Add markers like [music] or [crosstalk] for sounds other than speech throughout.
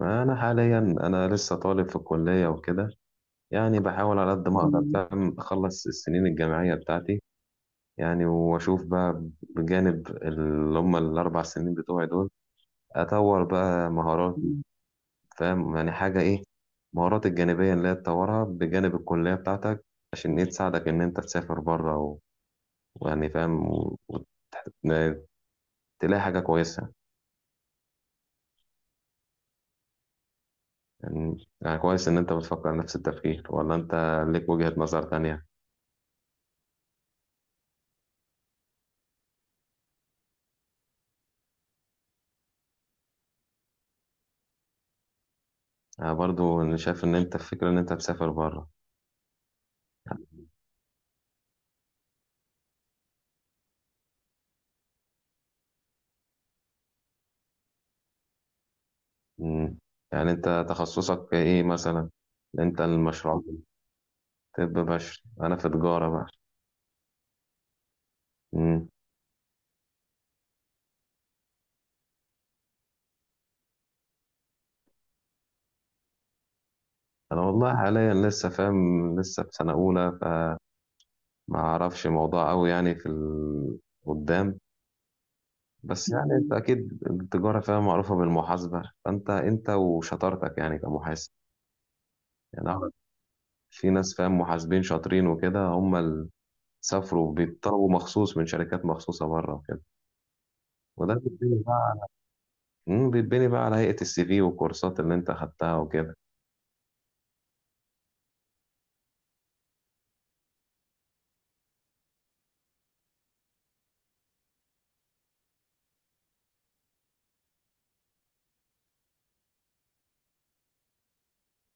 انا حاليا لسه طالب في الكليه وكده. يعني بحاول على قد ما اقدر، فاهم، اخلص السنين الجامعيه بتاعتي، يعني، واشوف بقى. بجانب اللي هم الاربع سنين بتوعي دول، اطور بقى مهاراتي، فاهم، يعني حاجه ايه؟ مهارات الجانبيه اللي هي تطورها بجانب الكليه بتاعتك، عشان ايه تساعدك ان انت تسافر بره و... ويعني، فاهم، وتلاقي حاجه كويسه. يعني كويس ان انت بتفكر نفس التفكير، ولا انت ليك وجهه نظر تانية؟ أنا برضو شايف إن أنت الفكرة إن أنت تسافر بره. مم. يعني أنت تخصصك إيه مثلا؟ أنت المشروع. طب بشري، أنا في تجارة بقى. مم. أنا والله حاليا لسه فاهم، لسه في سنة أولى، فما أعرفش موضوع أوي، يعني في ال- قدام. بس يعني أنت أكيد التجارة، فاهم، معروفة بالمحاسبة، فأنت أنت وشطارتك يعني كمحاسب. يعني أعرف في ناس، فاهم، محاسبين شاطرين وكده، هم اللي سافروا، بيطلبوا مخصوص من شركات مخصوصة بره وكده. وده بيتبني بقى على بيتبني بقى على هيئة السي في والكورسات اللي انت خدتها وكده.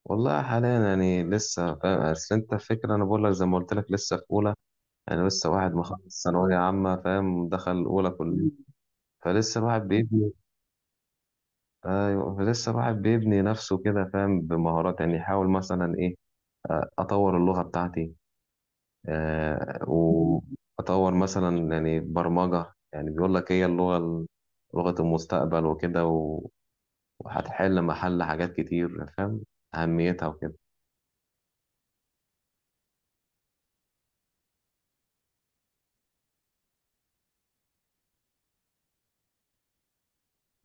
والله حاليا يعني لسه، فاهم، اصل انت الفكرة انا بقول لك، زي ما قلت لك، لسه في اولى. انا لسه واحد مخلص ثانوية عامة، فاهم، دخل اولى كلية. فلسه الواحد بيبني. ايوه، فلسه الواحد بيبني نفسه كده، فاهم، بمهارات، يعني يحاول مثلا ايه. اطور اللغة بتاعتي. آه، واطور مثلا يعني برمجة، يعني بيقول لك هي اللغة لغة المستقبل وكده، وهتحل محل حاجات كتير، فاهم أهميتها وكده.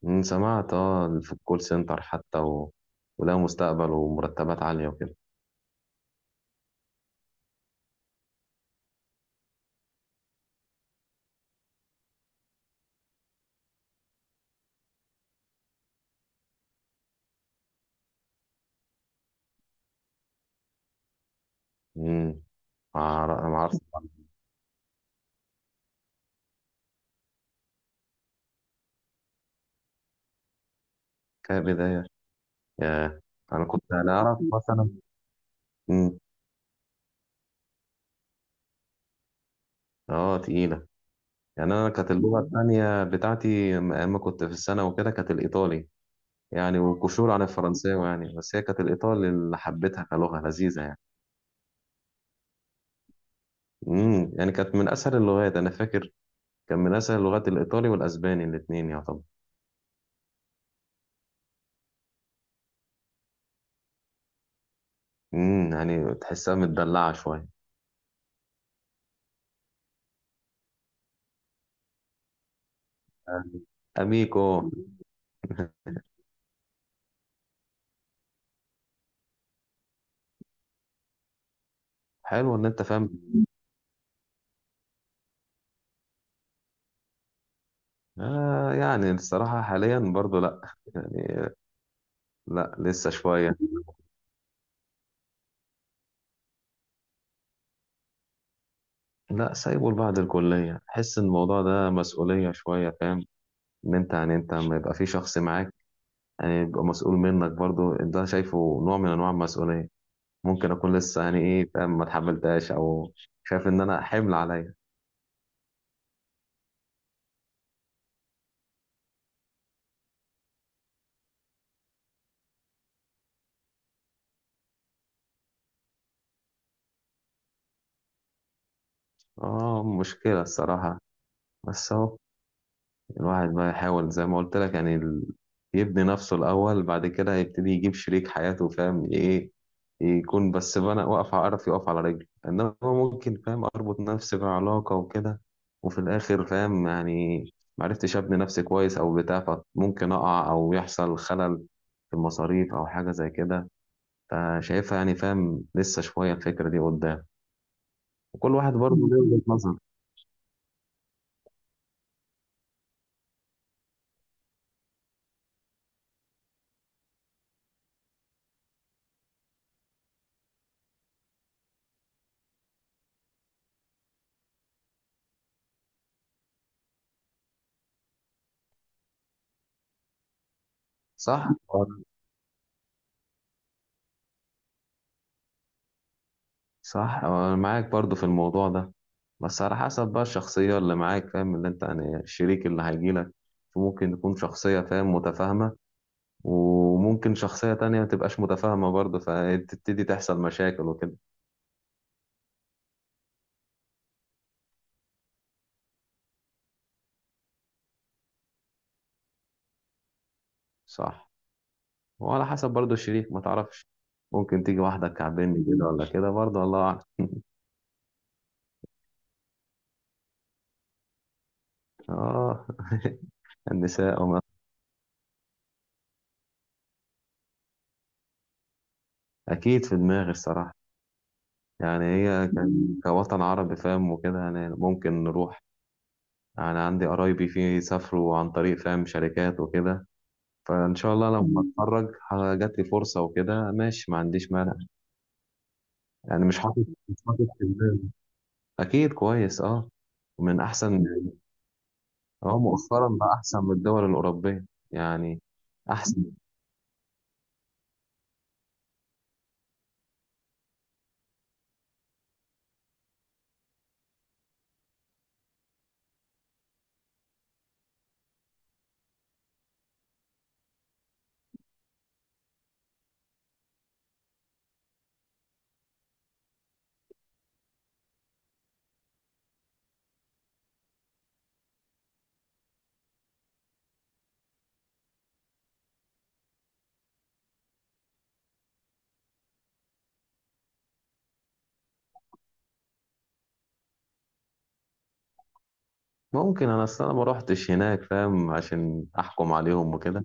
سمعت، اه، في الكول سنتر حتى و... وده مستقبل ومرتبات عالية وكده. أمم. ما أعرفش. كبداية. ياه. أنا كنت أنا أعرف مثلا. أمم. اه، تقيلة. يعني أنا كانت اللغة التانية بتاعتي أيام ما كنت في السنة وكده كانت الإيطالي، يعني وكشور عن الفرنساوي يعني، بس هي كانت الإيطالي اللي حبيتها كلغة لذيذة يعني. امم، يعني كانت من اسهل اللغات انا فاكر. كان من اسهل اللغات الايطالي والاسباني الاثنين يعتبر. امم، يعني تحسها متدلعه شويه. يعني اميكو. حلو ان انت فاهم. يعني الصراحه حاليا برضو لا. يعني لا، لسه شويه. لا، سايبه لبعد الكليه. حس ان الموضوع ده مسؤوليه شويه، فاهم. ان انت يعني انت لما يبقى في شخص معاك يعني، يبقى مسؤول منك برضو، ده شايفه نوع من انواع المسؤوليه. ممكن اكون لسه، يعني ايه، فاهم، ما اتحملتهاش، او شايف ان انا حمل عليا. اه، مشكله الصراحه. بس اهو الواحد بقى يحاول زي ما قلت لك، يعني ال- يبني نفسه الأول، بعد كده هيبتدي يجيب شريك حياته، فاهم إيه. يكون بس بنا واقف، عارف يقف على رجله، إنما ممكن، فاهم، أربط نفسي بعلاقة وكده، وفي الآخر، فاهم يعني، معرفتش أبني نفسي كويس أو بتاع، فممكن أقع أو يحصل خلل في المصاريف أو حاجة زي كده. فشايفها، يعني فاهم، لسه شوية الفكرة دي قدام. وكل واحد برضه [laughs] له وجهة نظر. صح؟ صح، انا معاك برضو في الموضوع ده. بس على حسب بقى الشخصية اللي معاك، فاهم، اللي انت يعني الشريك اللي هيجيلك. ممكن تكون شخصية، فاهم، متفاهمة، وممكن شخصية تانية ما تبقاش متفاهمة برضه، فتبتدي تحصل مشاكل وكده. صح. وعلى حسب برضه الشريك ما تعرفش، ممكن تيجي واحدة كعبني كده ولا كده، برضه الله أعلم. [laughs] اه. [laughs] النساء وما أكيد في دماغي الصراحة. يعني هي كوطن عربي، فاهم وكده، يعني ممكن نروح. انا عندي قرايبي في، سافروا عن طريق، فاهم، شركات وكده. فان شاء الله لما مم. اتخرج، جات لي فرصه وكده، ماشي، ما عنديش مانع. يعني مش حاطط في دماغي. اكيد كويس، اه، ومن احسن. اه، مؤخرا بقى احسن من الدول الاوروبيه يعني. احسن. ممكن، انا اصل انا ما روحتش هناك، فاهم، عشان احكم عليهم وكده.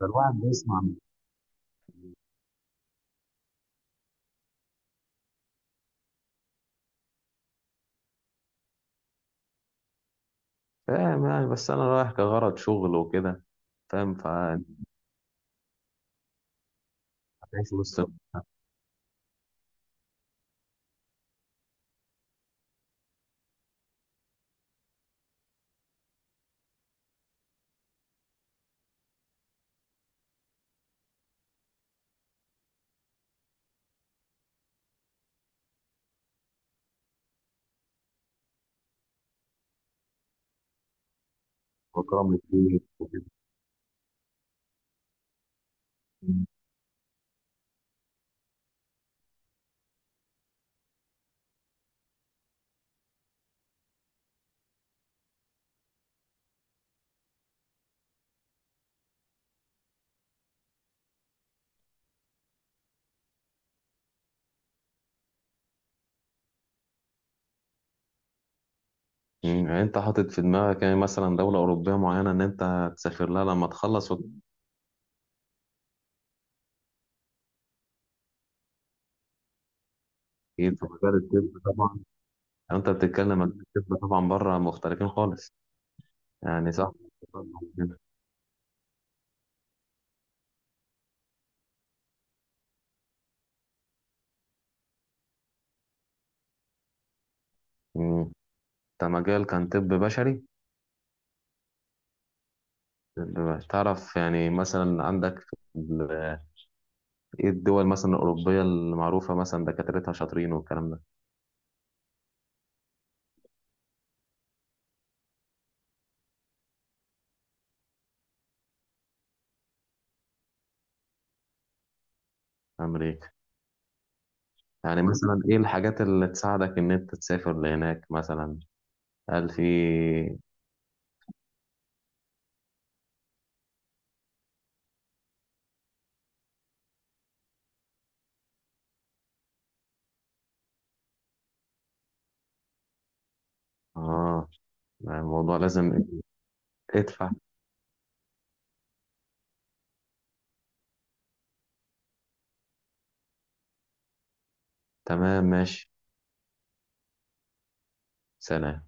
فالواحد بيسمع، فاهم يعني، بس انا رايح كغرض شغل وكده، فاهم. فانت هتعيش وسط الناس، وكرم الضيف وكده. مم، يعني انت حاطط في دماغك يعني مثلا دولة أوروبية معينة إن أنت تسافر لها لما تخلص؟ وأكيد في مجال الطب طبعا. يعني أنت بتتكلم عن الطب، طبعا بره مختلفين خالص، يعني صح. مم، أنت مجال كان طب بشري. تعرف يعني مثلا عندك في ال- إيه الدول مثلا الأوروبية المعروفة مثلا دكاترتها شاطرين والكلام ده؟ أمريكا. يعني مثلا إيه الحاجات اللي تساعدك إن أنت تسافر لهناك مثلا؟ هل في؟ آه، يعني الموضوع لازم ادفع. تمام، ماشي. سلام.